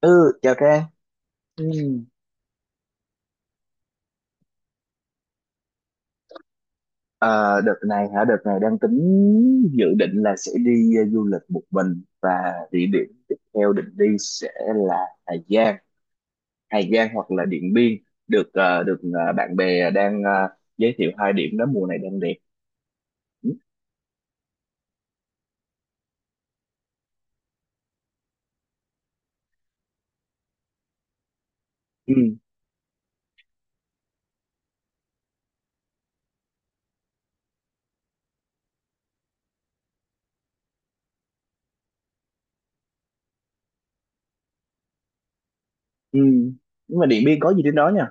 Ừ, chào Trang. Ừ. Ờ, Đợt này hả? Đợt này đang tính dự định là sẽ đi du lịch một mình, và địa điểm tiếp theo định đi sẽ là Hà Giang, Hà Giang hoặc là Điện Biên. Được, bạn bè đang giới thiệu hai điểm đó mùa này đang đẹp. Ừ, ừ. Ừ. Nhưng mà Điện Biên có gì trên đó nha?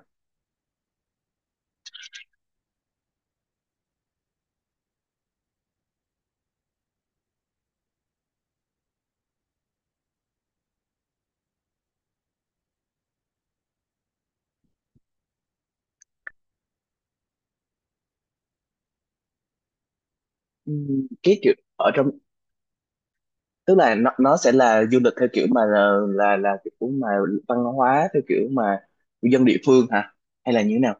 Ừ, cái kiểu ở trong, tức là nó sẽ là du lịch theo kiểu mà là kiểu mà văn hóa theo kiểu mà dân địa phương hả? Hay là như thế nào?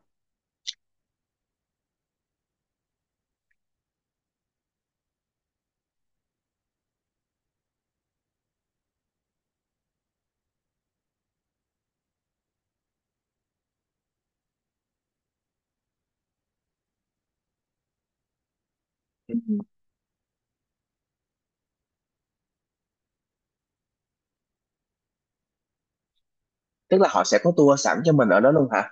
Tức là họ sẽ có tour sẵn cho mình ở đó luôn hả?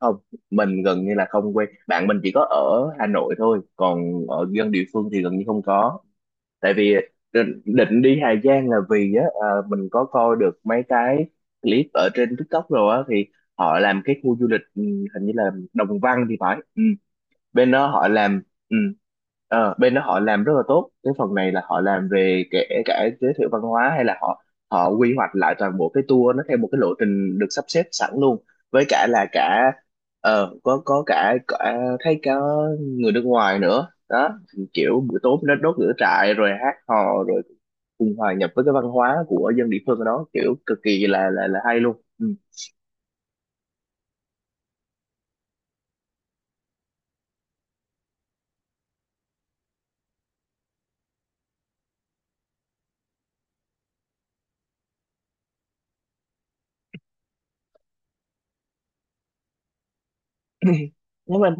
Không, mình gần như là không quen, bạn mình chỉ có ở Hà Nội thôi, còn ở dân địa phương thì gần như không có. Tại vì định đi Hà Giang là vì á, mình có coi được mấy cái clip ở trên TikTok rồi á, thì họ làm cái khu du lịch, hình như là Đồng Văn thì phải. Ừ. bên đó họ làm ừ, Bên đó họ làm rất là tốt cái phần này, là họ làm về kể cả giới thiệu văn hóa, hay là họ họ quy hoạch lại toàn bộ cái tour nó theo một cái lộ trình được sắp xếp sẵn luôn, với cả là cả có, có cả thấy cả người nước ngoài nữa đó, kiểu buổi tối nó đốt lửa trại rồi hát hò rồi cùng hòa nhập với cái văn hóa của dân địa phương ở đó, kiểu cực kỳ là hay luôn. Ừ. Nhưng mà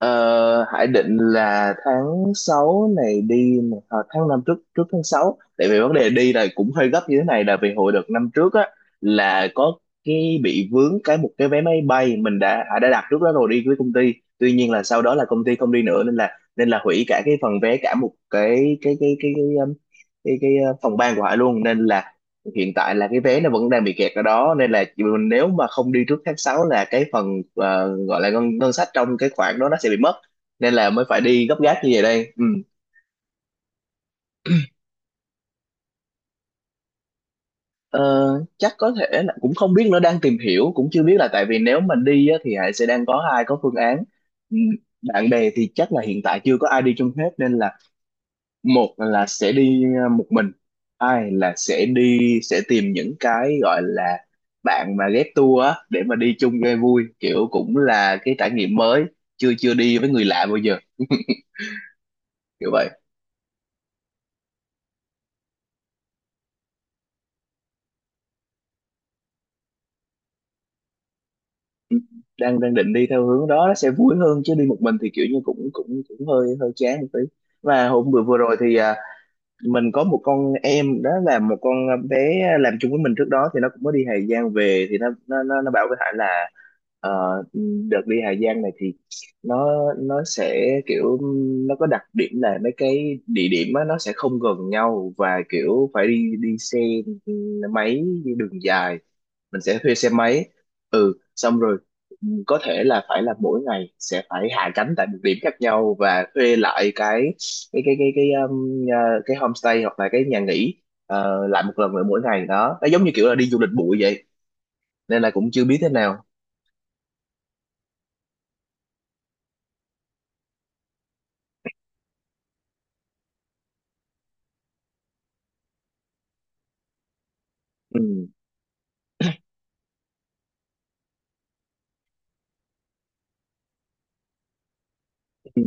Ờ, Hải định là tháng 6 này đi nè, tháng 5, trước trước tháng 6, tại vì vấn đề đi là cũng hơi gấp như thế này là vì hồi đợt năm trước á là có cái bị vướng cái, một cái vé máy bay mình đã Hải đã đặt trước đó rồi đi với công ty, tuy nhiên là sau đó là công ty không đi nữa, nên là hủy cả cái phần vé, cả một cái, phòng ban của Hải luôn, nên là hiện tại là cái vé nó vẫn đang bị kẹt ở đó, nên là nếu mà không đi trước tháng 6 là cái phần gọi là ngân sách trong cái khoản đó nó sẽ bị mất, nên là mới phải đi gấp gáp như vậy đây. Ừ. Ờ, Chắc có thể là cũng không biết nữa, đang tìm hiểu, cũng chưa biết. Là tại vì nếu mà đi á, thì Hải sẽ đang có hai có phương án. Ừ, bạn bè thì chắc là hiện tại chưa có ai đi chung hết, nên là một là sẽ đi một mình, hai là sẽ đi sẽ tìm những cái gọi là bạn mà ghép tour á để mà đi chung cho vui, kiểu cũng là cái trải nghiệm mới, chưa chưa đi với người lạ bao giờ, kiểu vậy. Ừ, đang đang định đi theo hướng đó, nó sẽ vui hơn, chứ đi một mình thì kiểu như cũng cũng cũng hơi hơi chán một tí. Và hôm vừa vừa rồi thì mình có một con em, đó là một con bé làm chung với mình trước đó, thì nó cũng mới đi Hà Giang về, thì nó bảo với Hải là ờ, đợt đi Hà Giang này thì nó nó sẽ kiểu, nó có đặc điểm là mấy cái địa điểm á, nó sẽ không gần nhau, và kiểu phải đi đi xe máy đi đường dài, mình sẽ thuê xe máy, xong rồi, ừ, có thể là phải là mỗi ngày sẽ phải hạ cánh tại một điểm khác nhau và thuê lại cái cái homestay hoặc là cái nhà nghỉ lại một lần nữa mỗi ngày đó, nó giống như kiểu là đi du lịch bụi vậy, nên là cũng chưa biết thế nào. Ừ. Ừ.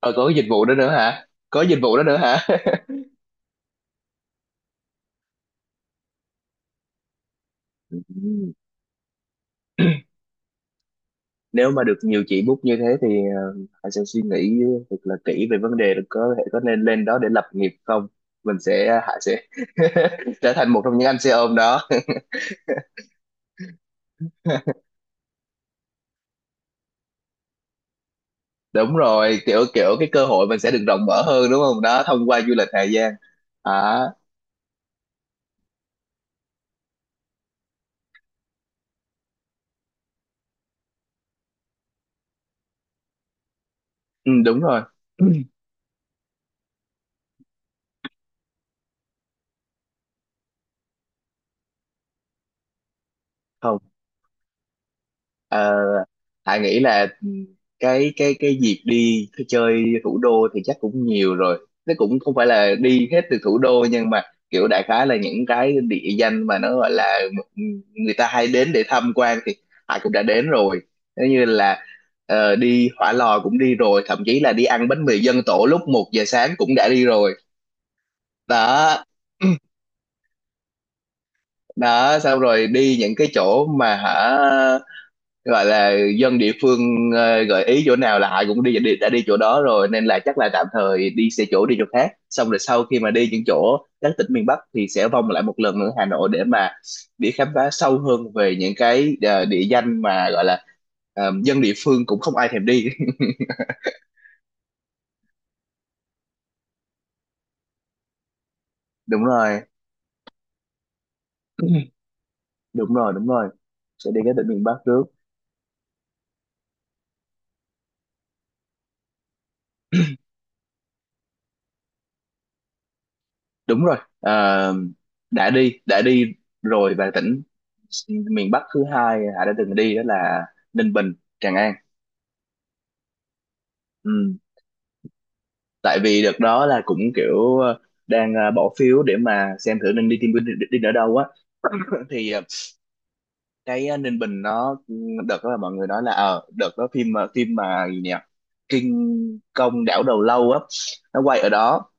ờ có cái dịch vụ đó nữa hả? Có dịch vụ đó nữa hả? Nếu mà được nhiều chị book như thế thì Hải sẽ suy nghĩ thật là kỹ về vấn đề là có thể có nên lên đó để lập nghiệp không. Mình sẽ Hải sẽ trở thành một trong những anh xe ôm đó. Đúng rồi, kiểu kiểu cái cơ hội mình sẽ được rộng mở hơn, đúng không, đó, thông qua du lịch Hà Giang. À. Ừ, đúng rồi. Không, ờ, Hải nghĩ là cái dịp đi chơi thủ đô thì chắc cũng nhiều rồi, nó cũng không phải là đi hết từ thủ đô, nhưng mà kiểu đại khái là những cái địa danh mà nó gọi là người ta hay đến để tham quan thì Hải cũng đã đến rồi. Nếu như là đi Hỏa Lò cũng đi rồi, thậm chí là đi ăn bánh mì dân tổ lúc 1 giờ sáng cũng đã đi rồi. Đó. Đó, xong rồi đi những cái chỗ mà hả, gọi là dân địa phương gợi ý chỗ nào là họ cũng đi, đã đi chỗ đó rồi, nên là chắc là tạm thời đi xe chỗ, đi chỗ khác, xong rồi sau khi mà đi những chỗ các tỉnh miền Bắc thì sẽ vòng lại một lần nữa Hà Nội để mà đi khám phá sâu hơn về những cái địa danh mà gọi là dân địa phương cũng không ai thèm đi. Đúng rồi. Đúng rồi, đúng rồi, sẽ đi các tỉnh miền Bắc trước. Đúng rồi, đã đi rồi, và tỉnh miền Bắc thứ hai Hà đã từng đi đó là Ninh Bình, Tràng An. Ừ. Tại vì đợt đó là cũng kiểu đang bỏ phiếu để mà xem thử nên đi team building đi, đi ở đâu á. Thì cái Ninh Bình nó, đợt đó là mọi người nói là đợt đó phim, phim mà gì nhỉ, Kinh Công Đảo Đầu Lâu á, nó quay ở đó.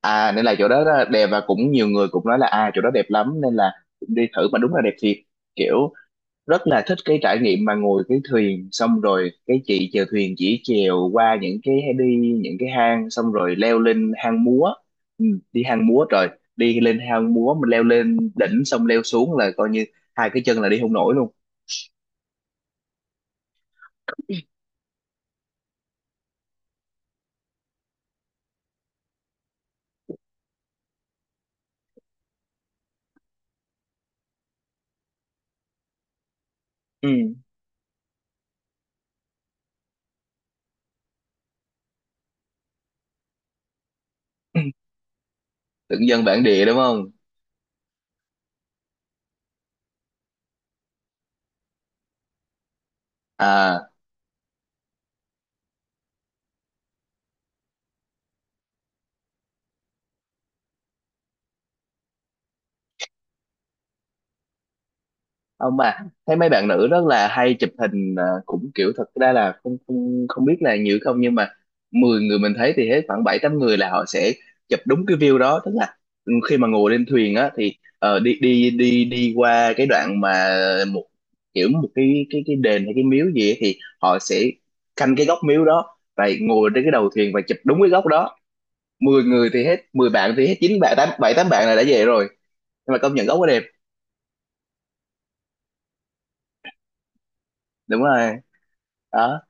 Nên là chỗ đó là đẹp, và cũng nhiều người cũng nói là, à, chỗ đó đẹp lắm, nên là cũng đi thử, mà đúng là đẹp thiệt, kiểu rất là thích cái trải nghiệm mà ngồi cái thuyền, xong rồi cái chị chèo thuyền chỉ chèo qua những cái, đi những cái hang xong rồi leo lên hang múa. Đi hang múa rồi, đi lên hang múa, mình leo lên đỉnh xong leo xuống là coi như hai cái chân là đi không nổi luôn. Ừ. Tưởng dân bản địa đúng không. à Không, mà thấy mấy bạn nữ rất là hay chụp hình, cũng kiểu thật ra là không, không không biết là nhiều không, nhưng mà 10 người mình thấy thì hết khoảng bảy tám người là họ sẽ chụp đúng cái view đó, tức là khi mà ngồi lên thuyền á thì đi đi đi đi qua cái đoạn mà một kiểu một cái đền hay cái miếu gì ấy, thì họ sẽ canh cái góc miếu đó và ngồi trên cái đầu thuyền và chụp đúng cái góc đó. 10 người thì hết 10 bạn, thì hết chín bạn, tám, bảy tám bạn là đã về rồi, nhưng mà công nhận góc quá đẹp. Đúng rồi. Đó.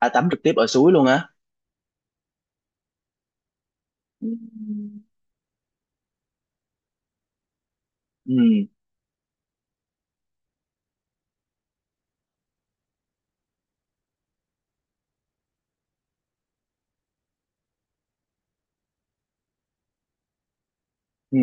À tắm trực tiếp ở suối luôn á. Ừ. Ừ.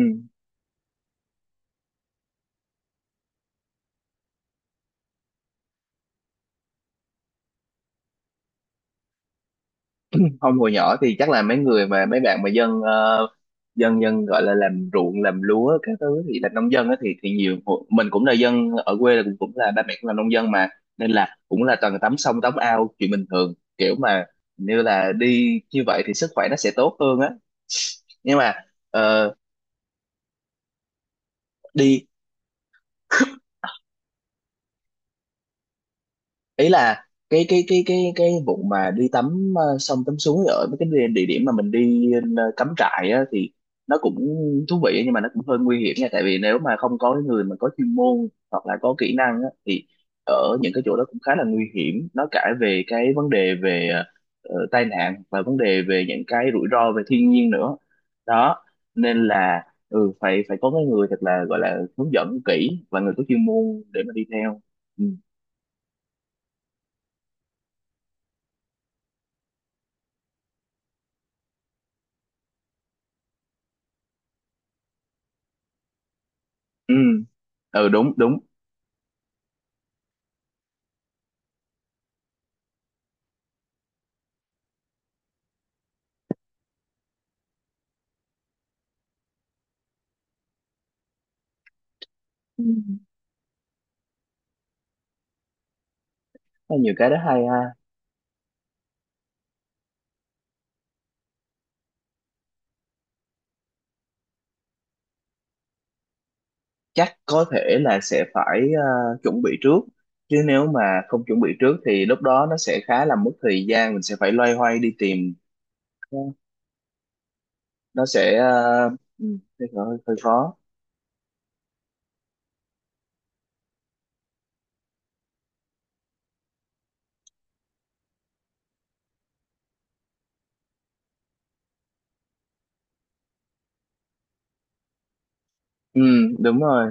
Không, hồi nhỏ thì chắc là mấy bạn mà dân dân dân gọi là làm ruộng làm lúa các thứ thì là nông dân á, thì nhiều. Mình cũng là dân ở quê, là cũng cũng là ba mẹ cũng là nông dân mà, nên là cũng là toàn tắm sông tắm ao chuyện bình thường, kiểu mà như là đi như vậy thì sức khỏe nó sẽ tốt hơn á, nhưng mà ờ, đi ý là cái vụ mà đi tắm sông tắm suối ở mấy cái địa địa điểm mà mình đi cắm trại á, thì nó cũng thú vị, nhưng mà nó cũng hơi nguy hiểm nha, tại vì nếu mà không có người mà có chuyên môn hoặc là có kỹ năng á, thì ở những cái chỗ đó cũng khá là nguy hiểm, nó cả về cái vấn đề về tai nạn và vấn đề về những cái rủi ro về thiên nhiên nữa. Đó, nên là phải phải có cái người thật là gọi là hướng dẫn kỹ và người có chuyên môn để mà đi theo. Ừ. Ừ. Ừ, đúng đúng. Ừ. Có nhiều cái đó hay ha. Chắc có thể là sẽ phải chuẩn bị trước, chứ nếu mà không chuẩn bị trước thì lúc đó nó sẽ khá là mất thời gian, mình sẽ phải loay hoay đi tìm. Ờ, nó sẽ Ừ. hơi, hơi hơi khó. Ừ đúng rồi,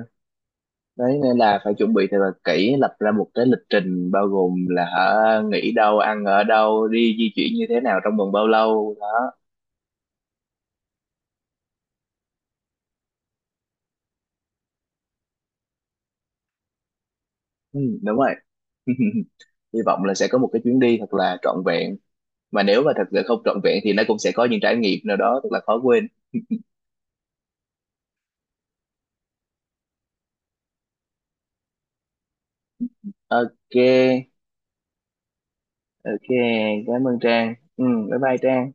đấy, nên là phải chuẩn bị thật là kỹ, lập ra một cái lịch trình bao gồm là hả, nghỉ đâu, ăn ở đâu, đi di chuyển như thế nào, trong vòng bao lâu đó. Ừ, đúng rồi. Hy vọng là sẽ có một cái chuyến đi thật là trọn vẹn, mà nếu mà thật sự không trọn vẹn thì nó cũng sẽ có những trải nghiệm nào đó rất là khó quên. OK. OK, cảm ơn Trang. Ừ, bye bye Trang.